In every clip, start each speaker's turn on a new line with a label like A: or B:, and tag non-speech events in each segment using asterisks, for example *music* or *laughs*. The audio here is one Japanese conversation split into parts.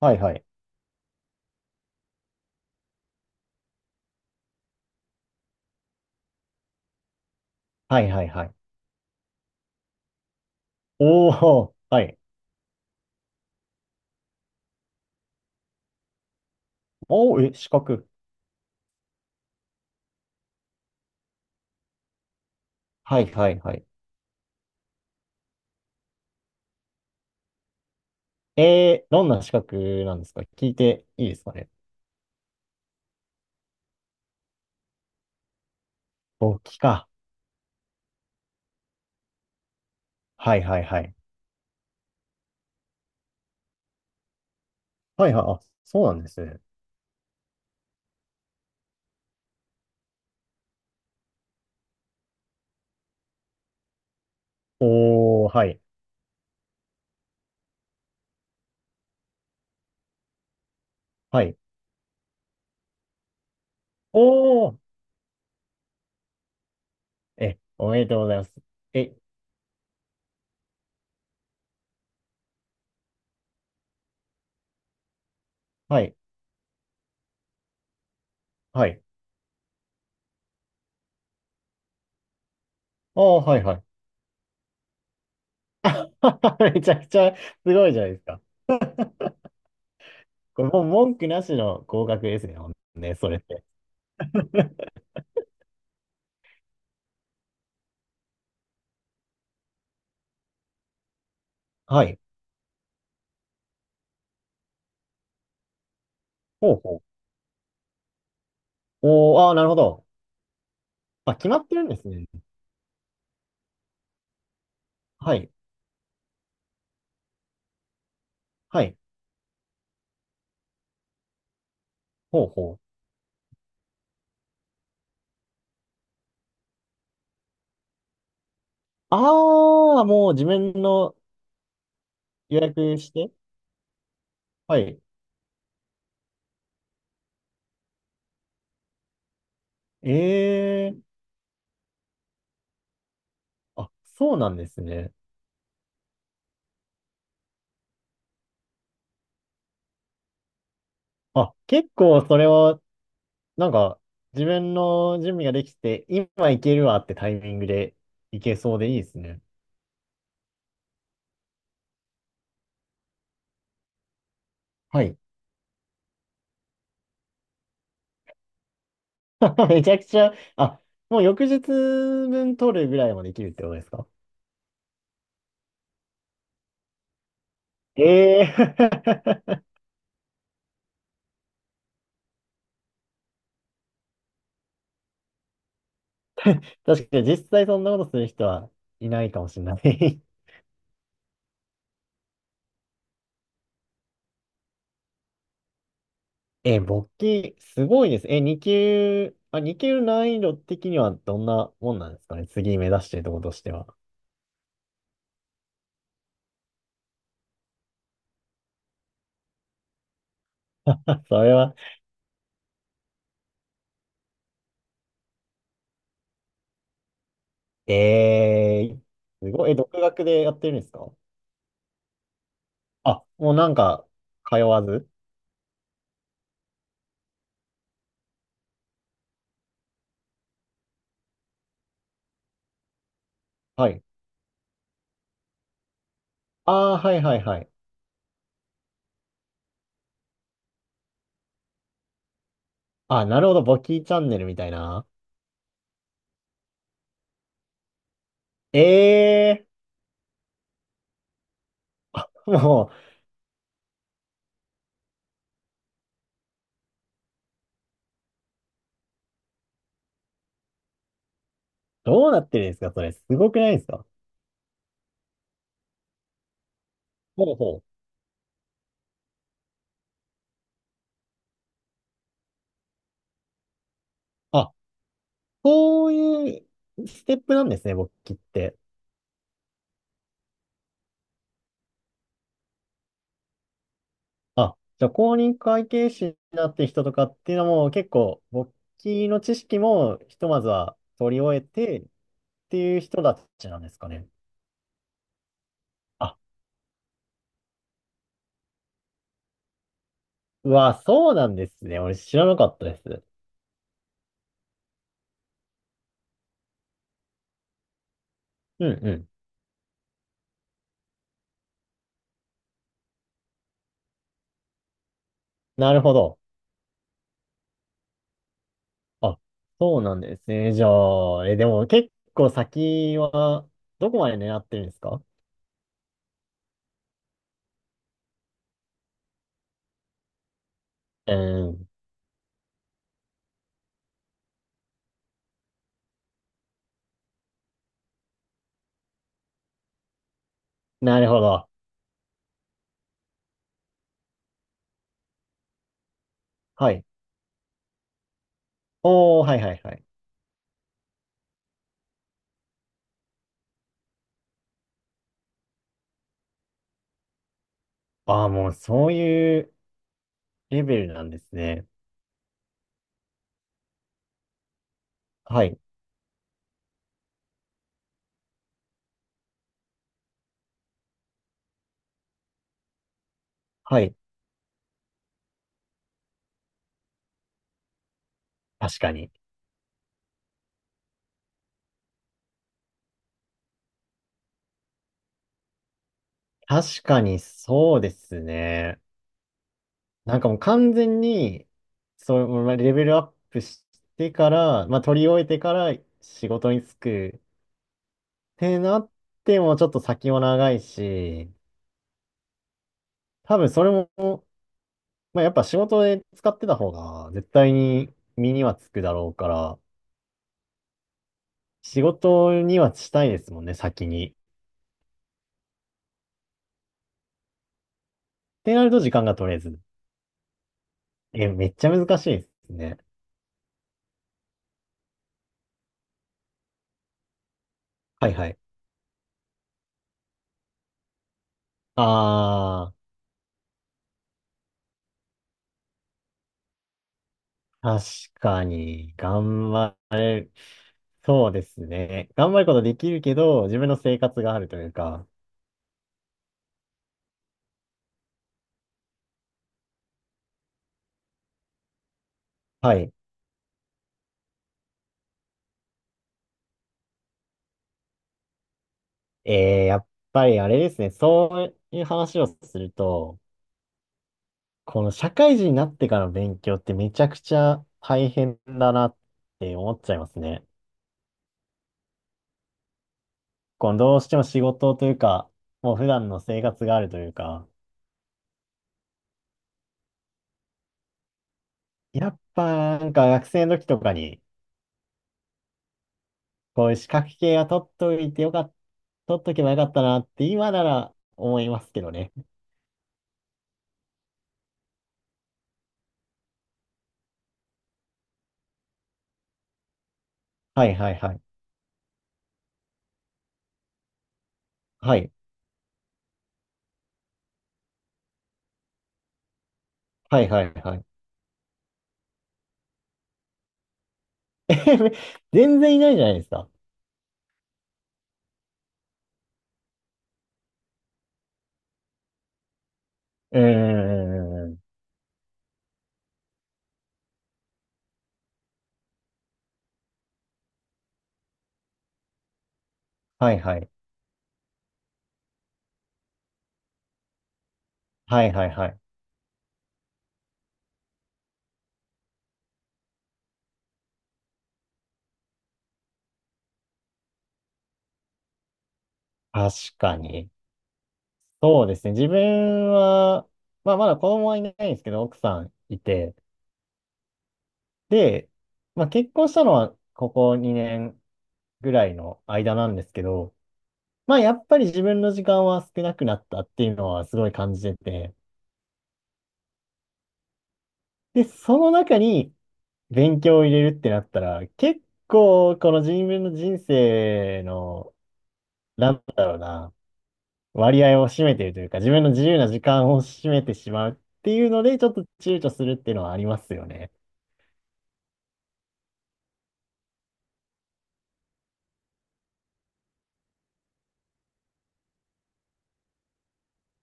A: はいはい。はいはいはい。おー、はい。おー、え、資格。はいはいはい。えー、どんな資格なんですか聞いていいですかね？簿記か。はいはいはい。はいはい、あ、そうなんですね。おー、はい。はい。おー、え、おめでとうございます。え、はい、はい。おー、はいはい。*laughs* めちゃくちゃすごいじゃないですか。*laughs* これもう文句なしの合格ですね、ほんとね、それって。*laughs* はい。ほうほう。おー、あー、なるほど。あ、決まってるんですね。はい。はい。ほうほう。ああ、もう自分の予約して。はい。ええー、あ、そうなんですね。あ、結構それは、なんか、自分の準備ができて、今行けるわってタイミングで行けそうでいいですね。はい。*laughs* めちゃくちゃ、あ、もう翌日分取るぐらいまでできるってことですか？ええー。 *laughs* 確かに実際そんなことする人はいないかもしれない。え、簿記、すごいです。え、2級、あ、2級難易度的にはどんなもんなんですかね。次目指してるところとしては。*laughs* それは、えー、すごい。え、独学でやってるんですか？あ、もうなんか、通わず。はい。ああ、はいはいはい。あ、なるほど。簿記チャンネルみたいな。ええー。*laughs* もう、どうなってるんですかそれ。すごくないですか？ほうほう。あ、そういうステップなんですね、簿記って。あ、じゃあ公認会計士になってる人とかっていうのも結構簿記の知識もひとまずは取り終えてっていう人たちなんですかね。あ、うわ、そうなんですね。俺知らなかったです。うんうん。なるほど。あ、そうなんですね。じゃあ、え、でも結構先はどこまで狙ってるんですか？うん。なるほど。はい。おー、はいはいはい。ああ、もうそういうレベルなんですね。はい。はい。確かに。確かにそうですね。なんかもう完全に、そう、まあレベルアップしてから、まあ取り終えてから仕事に就くってなってもちょっと先も長いし、多分それも、まあやっぱ仕事で使ってた方が絶対に身にはつくだろうから、仕事にはしたいですもんね、先に。ってなると時間が取れず。え、めっちゃ難しいですね。はいはい。あー。確かに、頑張れる、そうですね。頑張ることできるけど、自分の生活があるというか、はい。えー、やっぱりあれですね、そういう話をすると、この社会人になってからの勉強ってめちゃくちゃ大変だなって思っちゃいますね。このどうしても仕事というか、もう普段の生活があるというか、やっぱなんか学生の時とかに、こういう資格系は取っといてよかった、取っとけばよかったなって今なら思いますけどね。はいはいはい。はい。はいはいはい。*laughs* 全然いないじゃないですか。うーん。はいはい。はいはいはい。確かに。そうですね。自分は、まあまだ子供はいないんですけど、奥さんいて。で、まあ結婚したのはここ2年ぐらいの間なんですけど、まあやっぱり自分の時間は少なくなったっていうのはすごい感じてて、で、その中に勉強を入れるってなったら、結構この自分の人生の、なんだろうな、割合を占めているというか、自分の自由な時間を占めてしまうっていうので、ちょっと躊躇するっていうのはありますよね。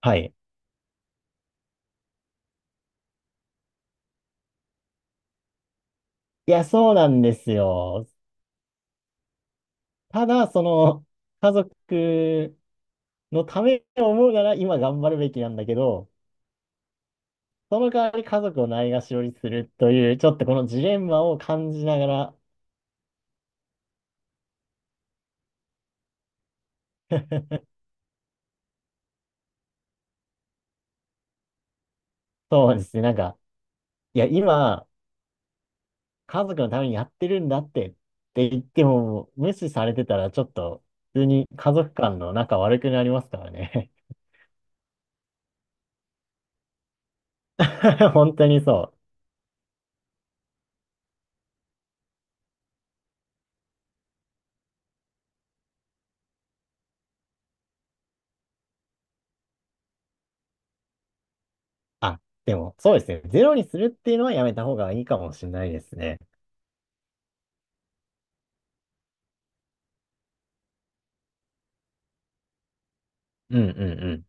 A: はい。いや、そうなんですよ。ただ、その、家族のためを思うなら今頑張るべきなんだけど、その代わり家族をないがしろにするという、ちょっとこのジレンマを感じながら、*laughs* そうですね。なんか、いや、今、家族のためにやってるんだってって言っても、無視されてたらちょっと、普通に家族間の仲悪くなりますからね。*laughs* 本当にそう。あ、でも、そうですね。ゼロにするっていうのはやめた方がいいかもしれないですね。うんうんうん。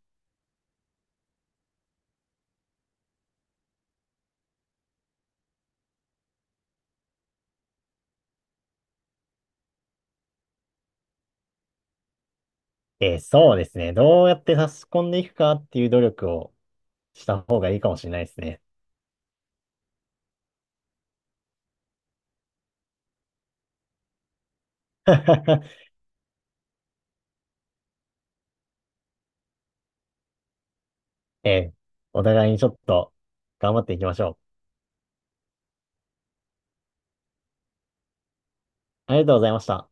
A: えーそうですね。どうやって差し込んでいくかっていう努力をした方がいいかもしれないですね。*laughs* えー、お互いにちょっと頑張っていきましょう。ありがとうございました。